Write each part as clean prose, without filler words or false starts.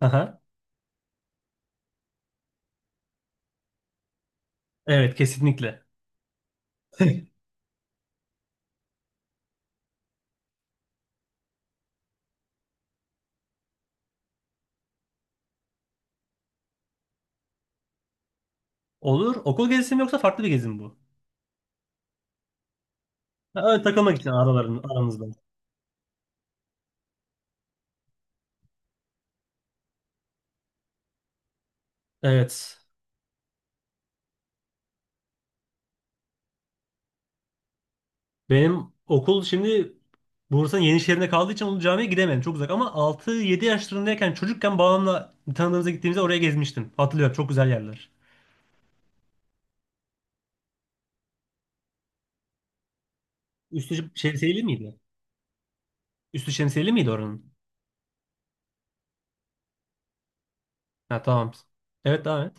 Aha. Evet kesinlikle. Olur. Okul gezisi mi yoksa farklı bir gezi mi bu? Ha, öyle takılmak için aranızda. Evet. Benim okul şimdi Bursa'nın Yenişehir'inde kaldığı için Ulu Cami'ye gidemedim. Çok uzak ama 6-7 yaşlarındayken çocukken babamla bir tanıdığımıza gittiğimizde oraya gezmiştim. Hatırlıyorum, çok güzel yerler. Üstü şemsiyeli miydi? Üstü şemsiyeli miydi oranın? Ha, tamam. Evet, devam et.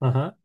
Aha.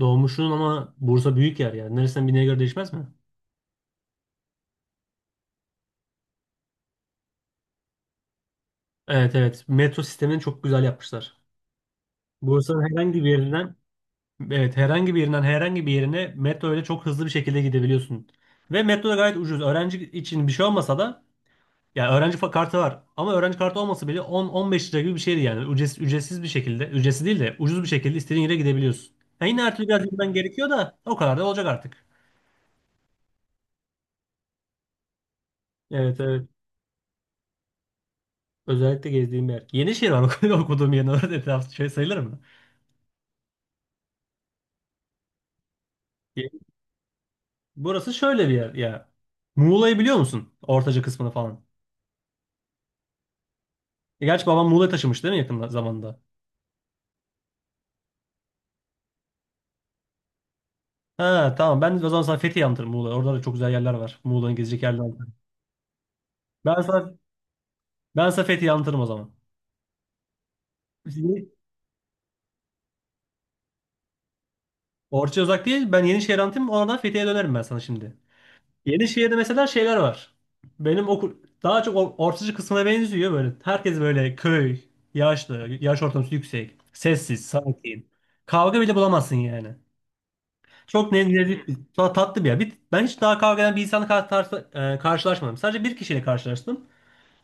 Doğmuşsun ama Bursa büyük yer ya. Neresinden bineye göre değişmez mi? Evet, evet. Metro sistemini çok güzel yapmışlar. Bursa'nın herhangi bir yerinden. Evet, herhangi bir yerinden herhangi bir yerine metro ile çok hızlı bir şekilde gidebiliyorsun. Ve metro da gayet ucuz. Öğrenci için bir şey olmasa da, yani öğrenci kartı var. Ama öğrenci kartı olmasa bile 10-15 lira gibi bir şeydi yani. Ücretsiz, ücretsiz bir şekilde, ücretsiz değil de ucuz bir şekilde istediğin yere gidebiliyorsun. Yani yine her türlü biraz yürümen gerekiyor da, o kadar da olacak artık. Evet, evet. Özellikle gezdiğim yer. Yenişehir var, okuduğum yerin orada, etrafı şey sayılır mı? Ye- Burası şöyle bir yer ya. Muğla'yı biliyor musun? Ortaca kısmını falan. Gerçi babam Muğla'ya taşımış değil mi yakın zamanda? Ha, tamam, ben o zaman sana Fethiye anlatırım, Muğla. Orada da çok güzel yerler var. Muğla'nın gezecek yerler var. Ben sana, ben sana Fethiye anlatırım o zaman. Şimdi Orça uzak değil. Ben Yenişehir anlatayım. Oradan Fethiye'ye dönerim ben sana şimdi. Yenişehir'de mesela şeyler var. Benim okul daha çok Orçacı kısmına benziyor böyle. Herkes böyle köy, yaşlı, yaş ortalaması yüksek, sessiz, sakin. Kavga bile bulamazsın yani. Çok nezih, tatlı bir yer. Ben hiç daha kavga eden bir insanla karşılaşmadım. Sadece bir kişiyle karşılaştım.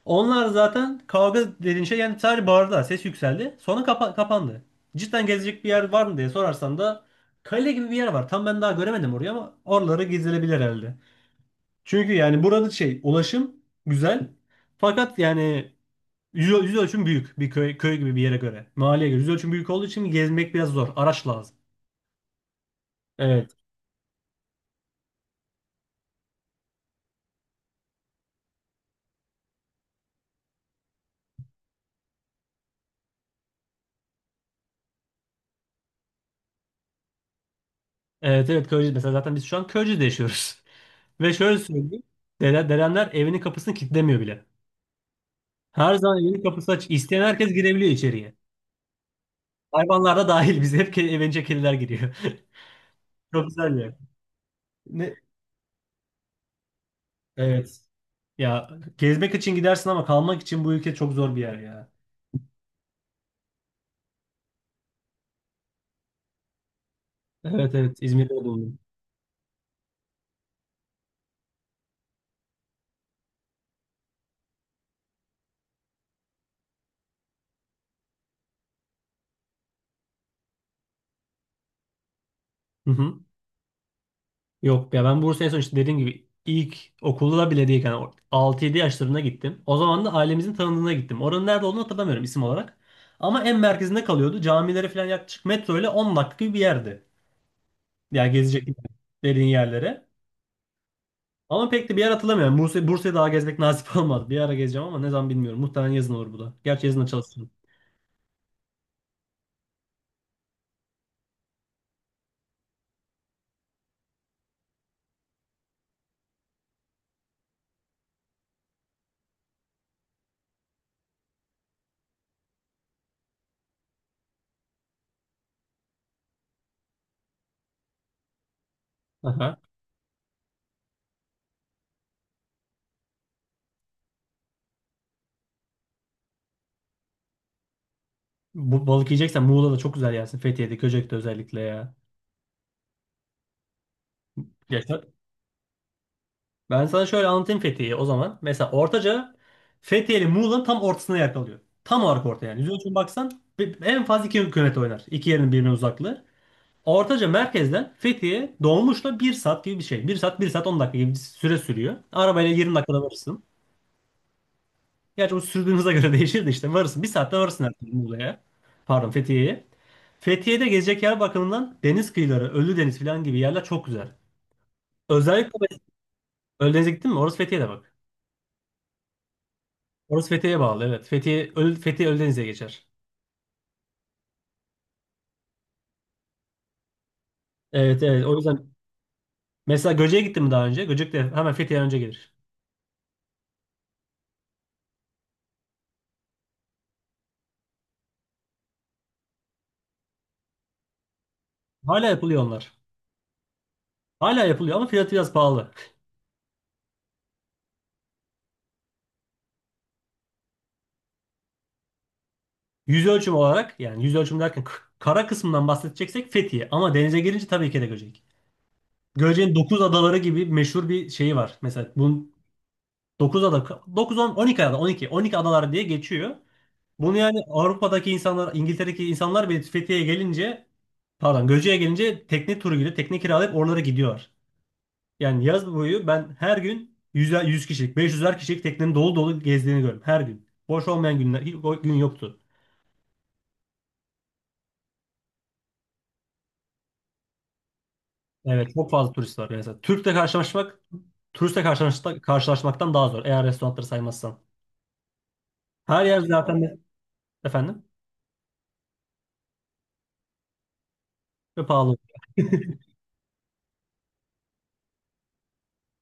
Onlar zaten kavga dediğin şey, yani sadece bağırdılar. Ses yükseldi. Sonra kapandı. Cidden gezecek bir yer var mı diye sorarsan da kale gibi bir yer var. Tam ben daha göremedim orayı ama oraları gezilebilir herhalde. Çünkü yani burada şey, ulaşım güzel. Fakat yani yüz ölçüm büyük bir köy, köy gibi bir yere göre. Mahalleye göre yüz ölçüm büyük olduğu için gezmek biraz zor. Araç lazım. Evet. Evet, evet, Köyceğiz. Mesela zaten biz şu an Köyceğiz'de yaşıyoruz. Ve şöyle söyleyeyim. Dedemler evinin kapısını kilitlemiyor bile. Her zaman evin kapısı açık. İsteyen herkes girebiliyor içeriye. Hayvanlar da dahil. Biz hep evince kediler giriyor. Çok güzel ya. Ne? Evet. Ya, gezmek için gidersin ama kalmak için bu ülke çok zor bir yer ya. Evet, evet, İzmir'de de bulundum. Hı hı. Yok ya, ben Bursa'ya sonuçta dediğim gibi ilk okulda bile değilken 6-7 yaşlarına gittim. O zaman da ailemizin tanıdığına gittim. Oranın nerede olduğunu hatırlamıyorum isim olarak. Ama en merkezinde kalıyordu. Camilere falan yaklaşık metro ile 10 dakika gibi bir yerdi. Ya yani gezecek dediğin yerlere. Ama pek de bir yer hatırlamıyorum. Bursa'yı daha gezmek nasip olmadı. Bir ara gezeceğim ama ne zaman bilmiyorum. Muhtemelen yazın olur bu da. Gerçi yazın da çalışırım. Aha. Bu balık yiyeceksen Muğla'da çok güzel yersin. Fethiye'de, Göcek'te özellikle ya. Yaşar. Ben sana şöyle anlatayım Fethiye'yi o zaman. Mesela Ortaca, Fethiye ile Muğla'nın tam ortasına yer kalıyor. Tam olarak orta yani. Yüz ölçümü baksan en fazla 2 kilometre oynar. İki yerin birbirine uzaklığı. Ortaca merkezden Fethiye dolmuşla bir saat gibi bir şey. Bir saat, bir saat 10 dakika gibi bir süre sürüyor. Arabayla 20 dakikada varırsın. Gerçi o sürdüğünüze göre değişir de, işte varırsın. Bir saatte varırsın herhalde Muğla'ya. Pardon, Fethiye'ye. Fethiye'de gezecek yer bakımından deniz kıyıları, Ölüdeniz falan gibi yerler çok güzel. Özellikle Ölüdeniz'e gittin mi? Orası Fethiye'de bak. Orası Fethiye'ye bağlı evet. Fethiye Ölüdeniz'e geçer. Evet, evet, o yüzden mesela Göcek'e gittin mi daha önce? Göcek de hemen Fethiye'den önce gelir. Hala yapılıyor onlar. Hala yapılıyor ama fiyatı biraz pahalı. Yüz ölçüm olarak yani, yüz ölçüm derken kara kısmından bahsedeceksek Fethiye. Ama denize girince tabii ki de Göcek. Göce'nin 9 adaları gibi meşhur bir şeyi var. Mesela bunun 9 ada, dokuz on, on iki ada, on iki adalar diye geçiyor. Bunu yani Avrupa'daki insanlar, İngiltere'deki insanlar bile Fethiye'ye gelince, pardon, Göce'ye gelince tekne turu gibi tekne kiralayıp oralara gidiyorlar. Yani yaz boyu ben her gün 100, 100 kişilik, 500'er kişilik teknenin dolu dolu gezdiğini gördüm her gün. Boş olmayan günler hiç, o gün yoktu. Evet, çok fazla turist var. Yani mesela Türk'le karşılaşmak, turistle karşılaşmak, karşılaşmaktan daha zor eğer restoranları saymazsan. Her yer zaten, efendim. Ve pahalı.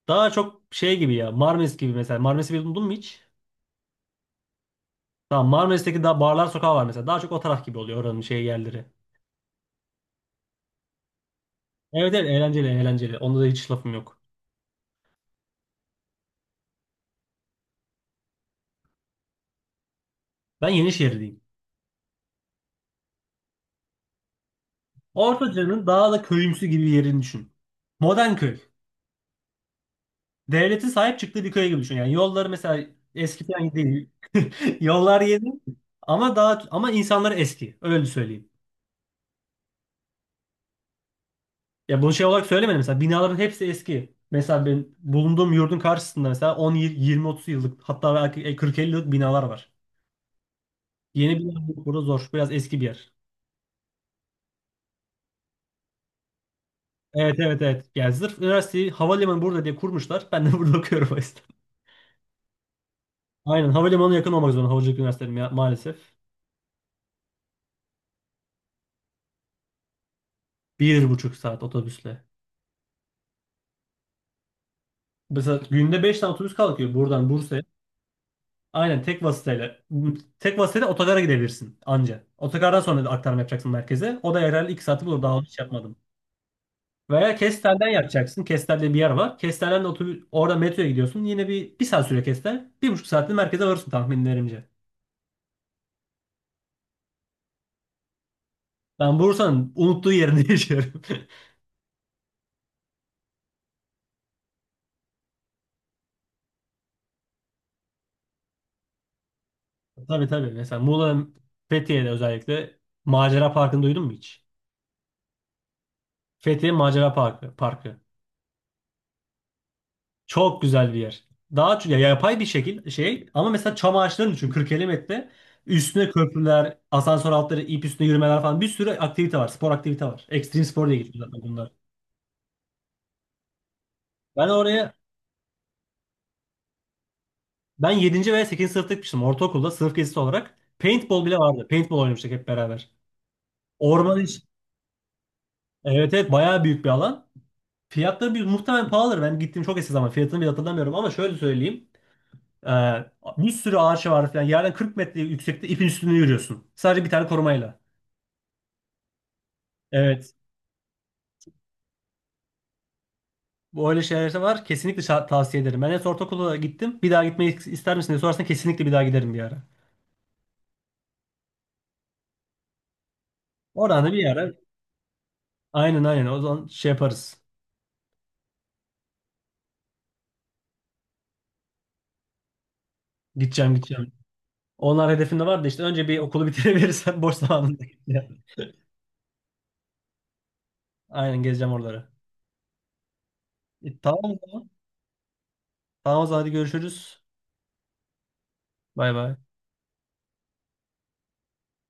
Daha çok şey gibi ya. Marmaris gibi mesela. Marmaris'i bildin mi hiç? Tamam, Marmaris'teki daha, barlar sokağı var mesela. Daha çok o taraf gibi oluyor oranın şey yerleri. Evet, evet, eğlenceli, eğlenceli. Onda da hiç lafım yok. Ben Yenişehirliyim. Ortaca'nın daha da köyümsü gibi bir yerini düşün. Modern köy. Devletin sahip çıktığı bir köy gibi düşün. Yani yolları mesela eskiden değil. Yollar yeni ama insanları eski. Öyle söyleyeyim. Ya, bunu şey olarak söylemedim, mesela binaların hepsi eski. Mesela benim bulunduğum yurdun karşısında mesela on, yirmi, otuz yıllık, hatta belki 40-50 yıllık binalar var. Yeni bina bulmak burada zor. Biraz eski bir yer. Evet, evet, evet. Yani sırf üniversiteyi, havalimanı burada diye kurmuşlar. Ben de burada okuyorum o yüzden. Aynen, havalimanına yakın olmak zorunda havacılık üniversiteleri maalesef. 1,5 saat otobüsle. Mesela günde 5 tane otobüs kalkıyor buradan Bursa'ya. Aynen, tek vasıtayla. Tek vasıtayla otogara gidebilirsin anca. Otogardan sonra da aktarma yapacaksın merkeze. O da herhalde 2 saati bulur. Daha hiç yapmadım. Veya Kestel'den yapacaksın. Kestel'de bir yer var. Kestel'den de otobüs, orada metroya gidiyorsun. Yine bir saat süre Kestel. 1,5 saatte merkeze varırsın tahminlerimce. Ben Bursa'nın unuttuğu yerinde yaşıyorum. Tabii, tabii. Mesela Muğla'nın, Fethiye'de özellikle, Macera Parkı'nı duydun mu hiç? Fethiye Macera Parkı. Parkı. Çok güzel bir yer. Daha ya, yapay bir şekil şey ama mesela çam ağaçlarını düşün, 40-50 metre. Üstüne köprüler, asansör altları, ip üstüne yürümeler falan, bir sürü aktivite var. Spor aktivite var. Ekstrem spor diye geçiyor zaten bunlar. Ben oraya Ben yedinci veya sekizinci sınıfta gitmiştim, ortaokulda sınıf gezisi olarak. Paintball bile vardı. Paintball oynamıştık hep beraber. Orman iç. Evet, evet, bayağı büyük bir alan. Fiyatları bir, muhtemelen pahalıdır. Ben gittiğim çok eski zaman, fiyatını bile hatırlamıyorum ama şöyle söyleyeyim. Ee, Bir sürü ağaç var falan. Yerden 40 metre yüksekte ipin üstünde yürüyorsun. Sadece bir tane korumayla. Evet. Böyle şeyler de var. Kesinlikle tavsiye ederim. Ben en son ortaokula gittim. Bir daha gitmeyi ister misin diye sorarsan, kesinlikle bir daha giderim bir ara. Oradan da bir ara. Aynen, aynen. O zaman şey yaparız. Gideceğim, gideceğim. Onlar hedefimde vardı işte. Önce bir okulu bitirebilirsem, boş zamanımda. Aynen, gezeceğim oraları. E, tamam o zaman. Tamam, o zaman hadi görüşürüz. Bay bay.